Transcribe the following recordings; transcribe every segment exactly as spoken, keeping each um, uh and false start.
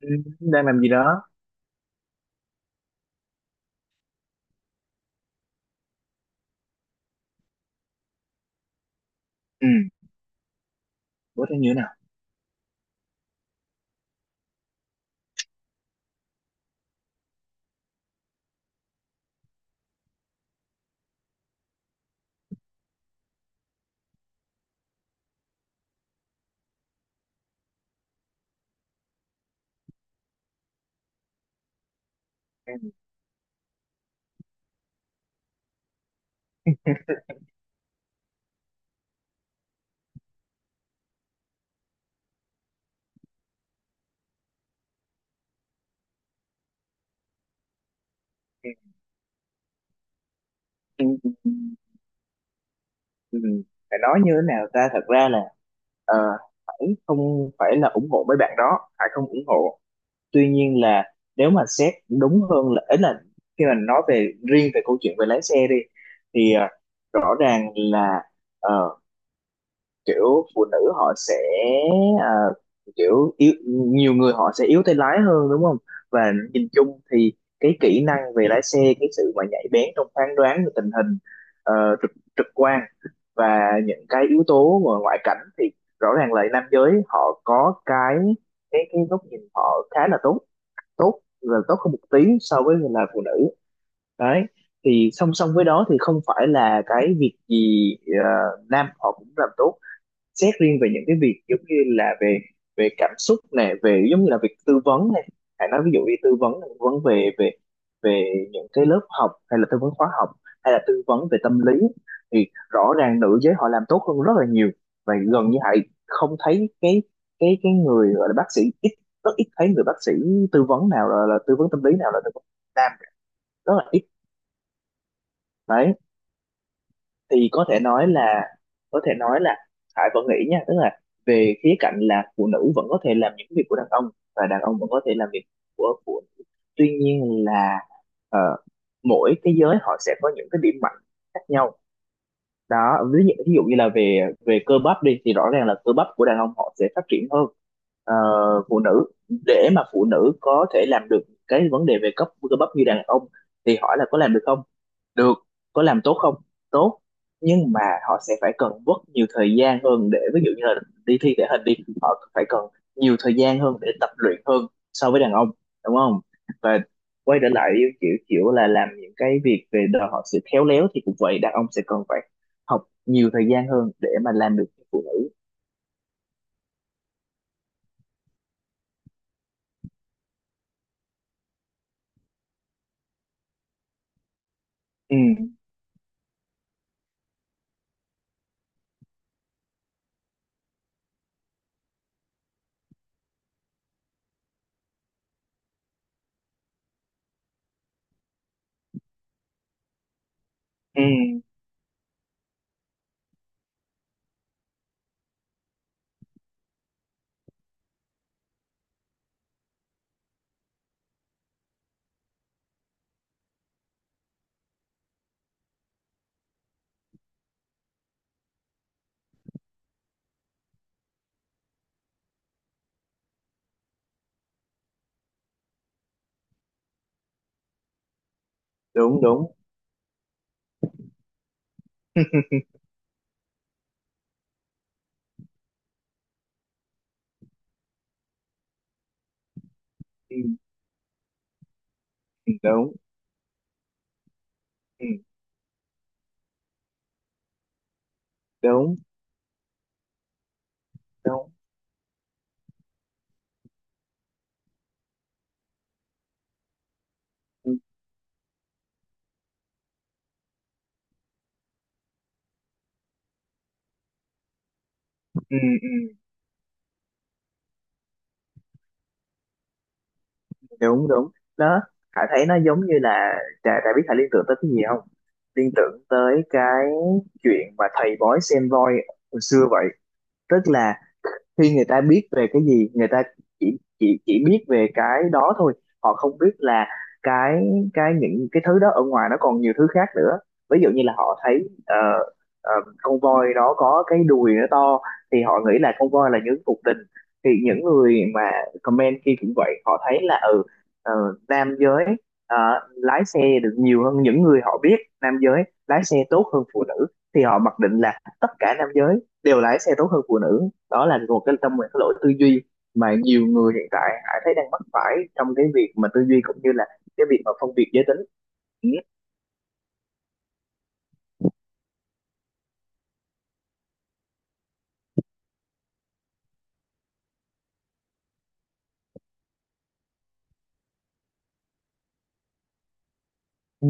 Ừ, đang làm gì đó? Ừ bữa thế như thế nào? Ừ, ừ, ừ, ừ, ừ. Phải nói như thế nào ta, thật ra là ờ, Hải không phải là ủng hộ mấy bạn đó, Hải không ủng hộ. Tuy nhiên là nếu mà xét đúng hơn là ấy là khi mà nói về riêng về câu chuyện về lái xe đi thì ờ, rõ ràng là ờ, kiểu phụ nữ họ sẽ, à, kiểu yếu, nhiều người họ sẽ yếu tay lái hơn, đúng không. Và nhìn chung thì cái kỹ năng về lái xe, cái sự mà nhạy bén trong phán đoán về tình hình, ờ, trực trực quan và những cái yếu tố mà ngoại cảnh thì rõ ràng là nam giới họ có cái cái cái góc nhìn họ khá là tốt, tốt là tốt hơn một tí so với là phụ nữ. Đấy, thì song song với đó thì không phải là cái việc gì ờ, nam họ cũng làm tốt. Xét riêng về những cái việc giống như là về về cảm xúc này, về giống như là việc tư vấn này, hãy nói ví dụ đi, tư vấn là tư vấn về về về những cái lớp học hay là tư vấn khóa học hay là tư vấn về tâm lý thì rõ ràng nữ giới họ làm tốt hơn rất là nhiều. Và gần như hãy không thấy cái cái cái người gọi là bác sĩ ít, rất ít thấy người bác sĩ tư vấn nào là, là tư vấn tâm lý nào là tư vấn nam, rất là ít. Đấy, thì có thể nói là có thể nói là Hải vẫn nghĩ nha, tức là về khía cạnh là phụ nữ vẫn có thể làm những việc của đàn ông và đàn ông vẫn có thể làm việc của phụ nữ. Tuy nhiên là ờ, mỗi cái giới họ sẽ có những cái điểm mạnh khác nhau. Đó, ví dụ, ví dụ như là về về cơ bắp đi thì rõ ràng là cơ bắp của đàn ông họ sẽ phát triển hơn ờ, phụ nữ. Để mà phụ nữ có thể làm được cái vấn đề về cấp cơ bắp như đàn ông thì hỏi là có làm được không? Được. Có làm tốt không? Tốt. Nhưng mà họ sẽ phải cần mất nhiều thời gian hơn để ví dụ như là đi thi thể hình đi, họ phải cần nhiều thời gian hơn để tập luyện hơn so với đàn ông, đúng không. Và quay trở lại kiểu kiểu là làm những cái việc về đòi hỏi sự khéo léo thì cũng vậy, đàn ông sẽ cần phải học nhiều thời gian hơn để mà làm được cái phụ nữ. Ừ, ừ, đúng đúng, ừ, đúng, ừ, đúng đúng, ừ, ừ, ừ, đúng đúng. Đó, Hải thấy nó giống như là, Trà Trà biết Hải liên tưởng tới cái gì không? Liên tưởng tới cái chuyện mà thầy bói xem voi hồi xưa vậy. Tức là khi người ta biết về cái gì, người ta chỉ chỉ chỉ biết về cái đó thôi, họ không biết là cái cái những cái thứ đó ở ngoài nó còn nhiều thứ khác nữa. Ví dụ như là họ thấy ờ, ờ, con voi đó có cái đùi nó to thì họ nghĩ là con voi là những cuộc tình. Thì những người mà comment kia cũng vậy, họ thấy là ừ, ờ, nam giới ờ, lái xe được nhiều hơn những người họ biết, nam giới lái xe tốt hơn phụ nữ thì họ mặc định là tất cả nam giới đều lái xe tốt hơn phụ nữ. Đó là một cái trong một cái lỗi tư duy mà nhiều người hiện tại Hải thấy đang mắc phải trong cái việc mà tư duy cũng như là cái việc mà phân biệt giới tính. Ừ. Ừ.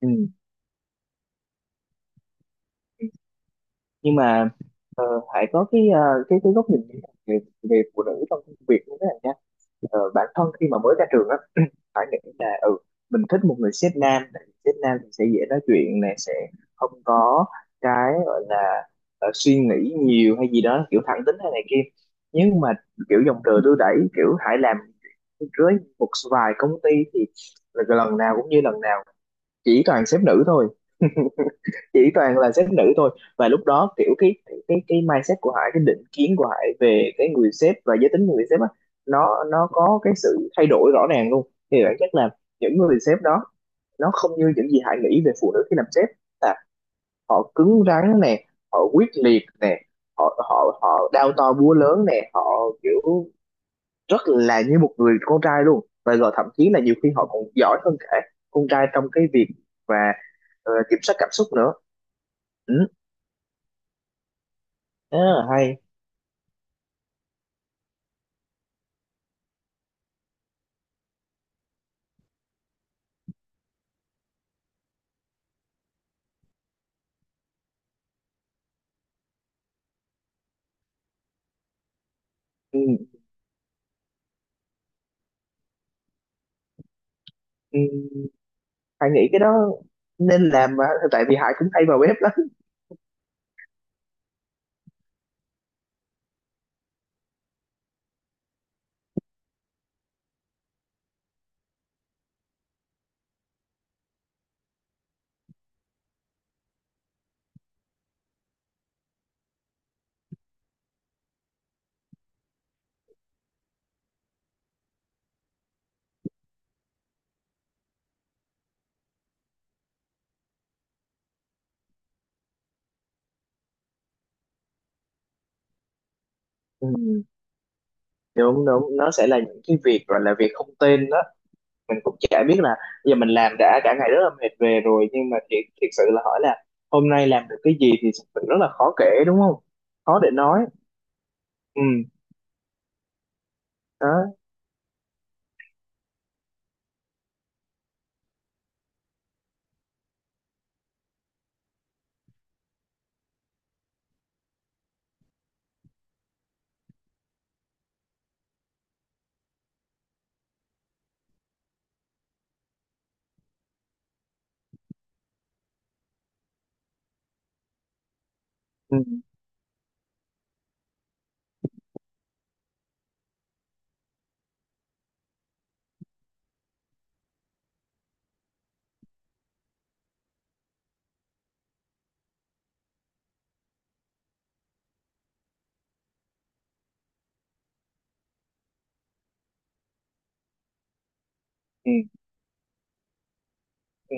Ừ. Nhưng mà ờ, Hải có cái ờ, cái cái góc nhìn về về phụ nữ trong công việc như thế nào. Ờ, bản thân khi mà mới ra trường á, phải nghĩ là ừ, mình thích một người sếp nam, tại vì sếp nam thì sẽ dễ nói chuyện này, sẽ không có cái gọi là ờ, suy nghĩ nhiều hay gì đó, kiểu thẳng tính hay này kia. Nhưng mà kiểu dòng đời đưa đẩy kiểu Hải làm với một vài công ty thì là lần nào cũng như lần nào, chỉ toàn sếp nữ thôi, chỉ toàn là sếp nữ thôi. Và lúc đó kiểu cái cái cái mindset của Hải, cái định kiến của Hải về cái người sếp và giới tính của người sếp á, nó nó có cái sự thay đổi rõ ràng luôn. Thì bản chất là những người sếp đó nó không như những gì Hải nghĩ về phụ nữ khi làm sếp, là họ cứng rắn nè, họ quyết liệt nè, họ họ họ đao to búa lớn nè, họ kiểu rất là như một người con trai luôn, và rồi thậm chí là nhiều khi họ còn giỏi hơn cả con trai trong cái việc và ờ, kiểm soát cảm xúc nữa. Ừ. Đó là hay. Ừ, ừ, hay nghĩ cái đó nên làm mà, tại vì Hải cũng hay vào web lắm. Ừ. Đúng đúng, nó sẽ là những cái việc gọi là việc không tên đó. Mình cũng chả biết là bây giờ mình làm đã cả ngày rất là mệt về rồi, nhưng mà thiệt thiệt sự là hỏi là hôm nay làm được cái gì thì thực sự rất là khó kể, đúng không. Khó để nói. Ừ. Đó. Ừ, ừ, ừ.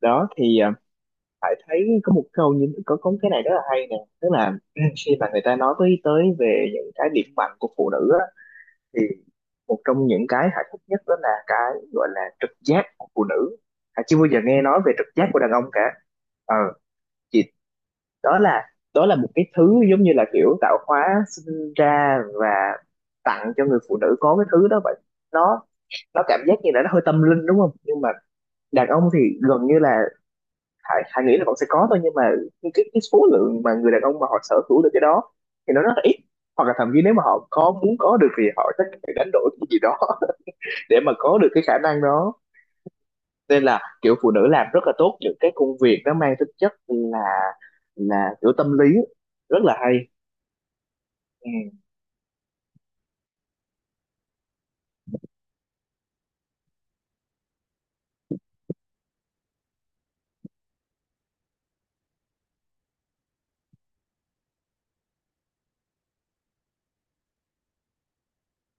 Đó thì à, Hải thấy có một câu như có có cái này rất là hay nè, tức là khi mà người ta nói tới tới về những cái điểm mạnh của phụ nữ á, thì một trong những cái hạnh phúc nhất đó là cái gọi là trực giác của phụ nữ. À, chưa bao giờ nghe nói về trực giác của đàn ông cả. Ờ thì đó là đó là một cái thứ giống như là kiểu tạo hóa sinh ra và tặng cho người phụ nữ có cái thứ đó vậy. nó nó cảm giác như là nó hơi tâm linh đúng không, nhưng mà đàn ông thì gần như là, Hải, Hải nghĩ là vẫn sẽ có thôi, nhưng mà cái cái cái số lượng mà người đàn ông mà họ sở hữu được cái đó thì nó rất là ít, hoặc là thậm chí nếu mà họ có muốn có được thì họ chắc phải đánh đổi cái gì đó để mà có được cái khả năng đó. Nên là kiểu phụ nữ làm rất là tốt những cái công việc nó mang tính chất là là kiểu tâm lý, rất là hay. Ừ.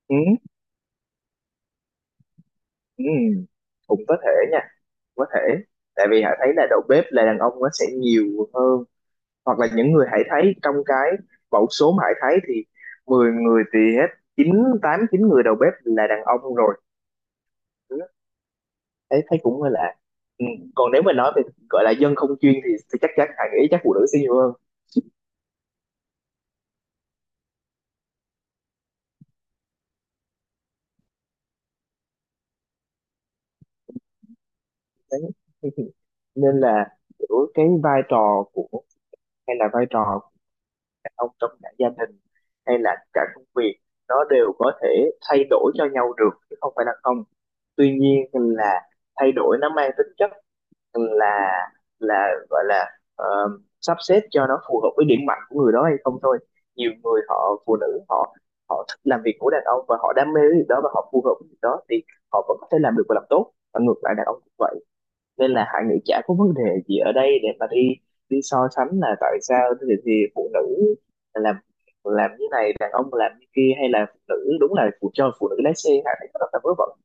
Ừ. Ừ. Cũng có thể nha, có thể tại vì hải thấy là đầu bếp là đàn ông nó sẽ nhiều hơn, hoặc là những người hải thấy trong cái mẫu số mà hải thấy thì mười người thì hết chín, tám chín người đầu bếp là đàn ông rồi. Ừ, thấy thấy cũng hơi lạ. Ừ. Còn nếu mà nói về gọi là dân không chuyên thì, thì chắc chắn hải nghĩ chắc phụ nữ sẽ nhiều hơn. Đấy. Nên là giữa cái vai trò của, hay là vai trò của đàn ông trong cả gia đình hay là cả công việc nó đều có thể thay đổi cho nhau được, chứ không phải là không. Tuy nhiên là thay đổi nó mang tính chất là là gọi là ờ, sắp xếp cho nó phù hợp với điểm mạnh của người đó hay không thôi. Nhiều người họ phụ nữ họ họ thích làm việc của đàn ông và họ đam mê cái việc đó và họ phù hợp với việc đó thì họ vẫn có thể làm được và làm tốt, và ngược lại đàn ông cũng vậy. Nên là Hải nghĩ chả có vấn đề gì ở đây để mà đi đi so sánh là tại sao thì, thì phụ nữ làm làm như này đàn ông làm như kia, hay là phụ nữ đúng là phụ, cho phụ nữ lái xe Hải thấy rất là vớ vẩn.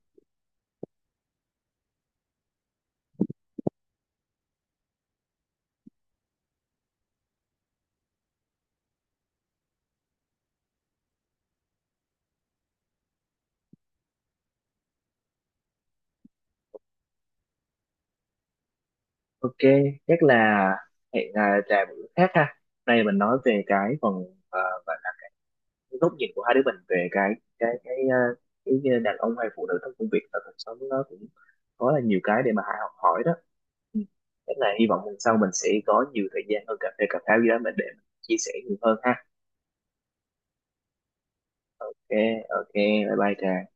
Ok, chắc là hẹn à, Trà bữa khác ha, nay mình nói về cái phần, à, và cái góc nhìn của hai đứa mình về cái cái cái à, cái đàn ông hay phụ nữ trong công việc và cuộc sống, nó cũng có là nhiều cái để mà Hải học hỏi đó. Ừ. Thế là hy vọng lần sau mình sẽ có nhiều thời gian hơn cà phê cà pháo gì đó mình để mình chia sẻ nhiều hơn ha. Ok, ok, bye bye Trà.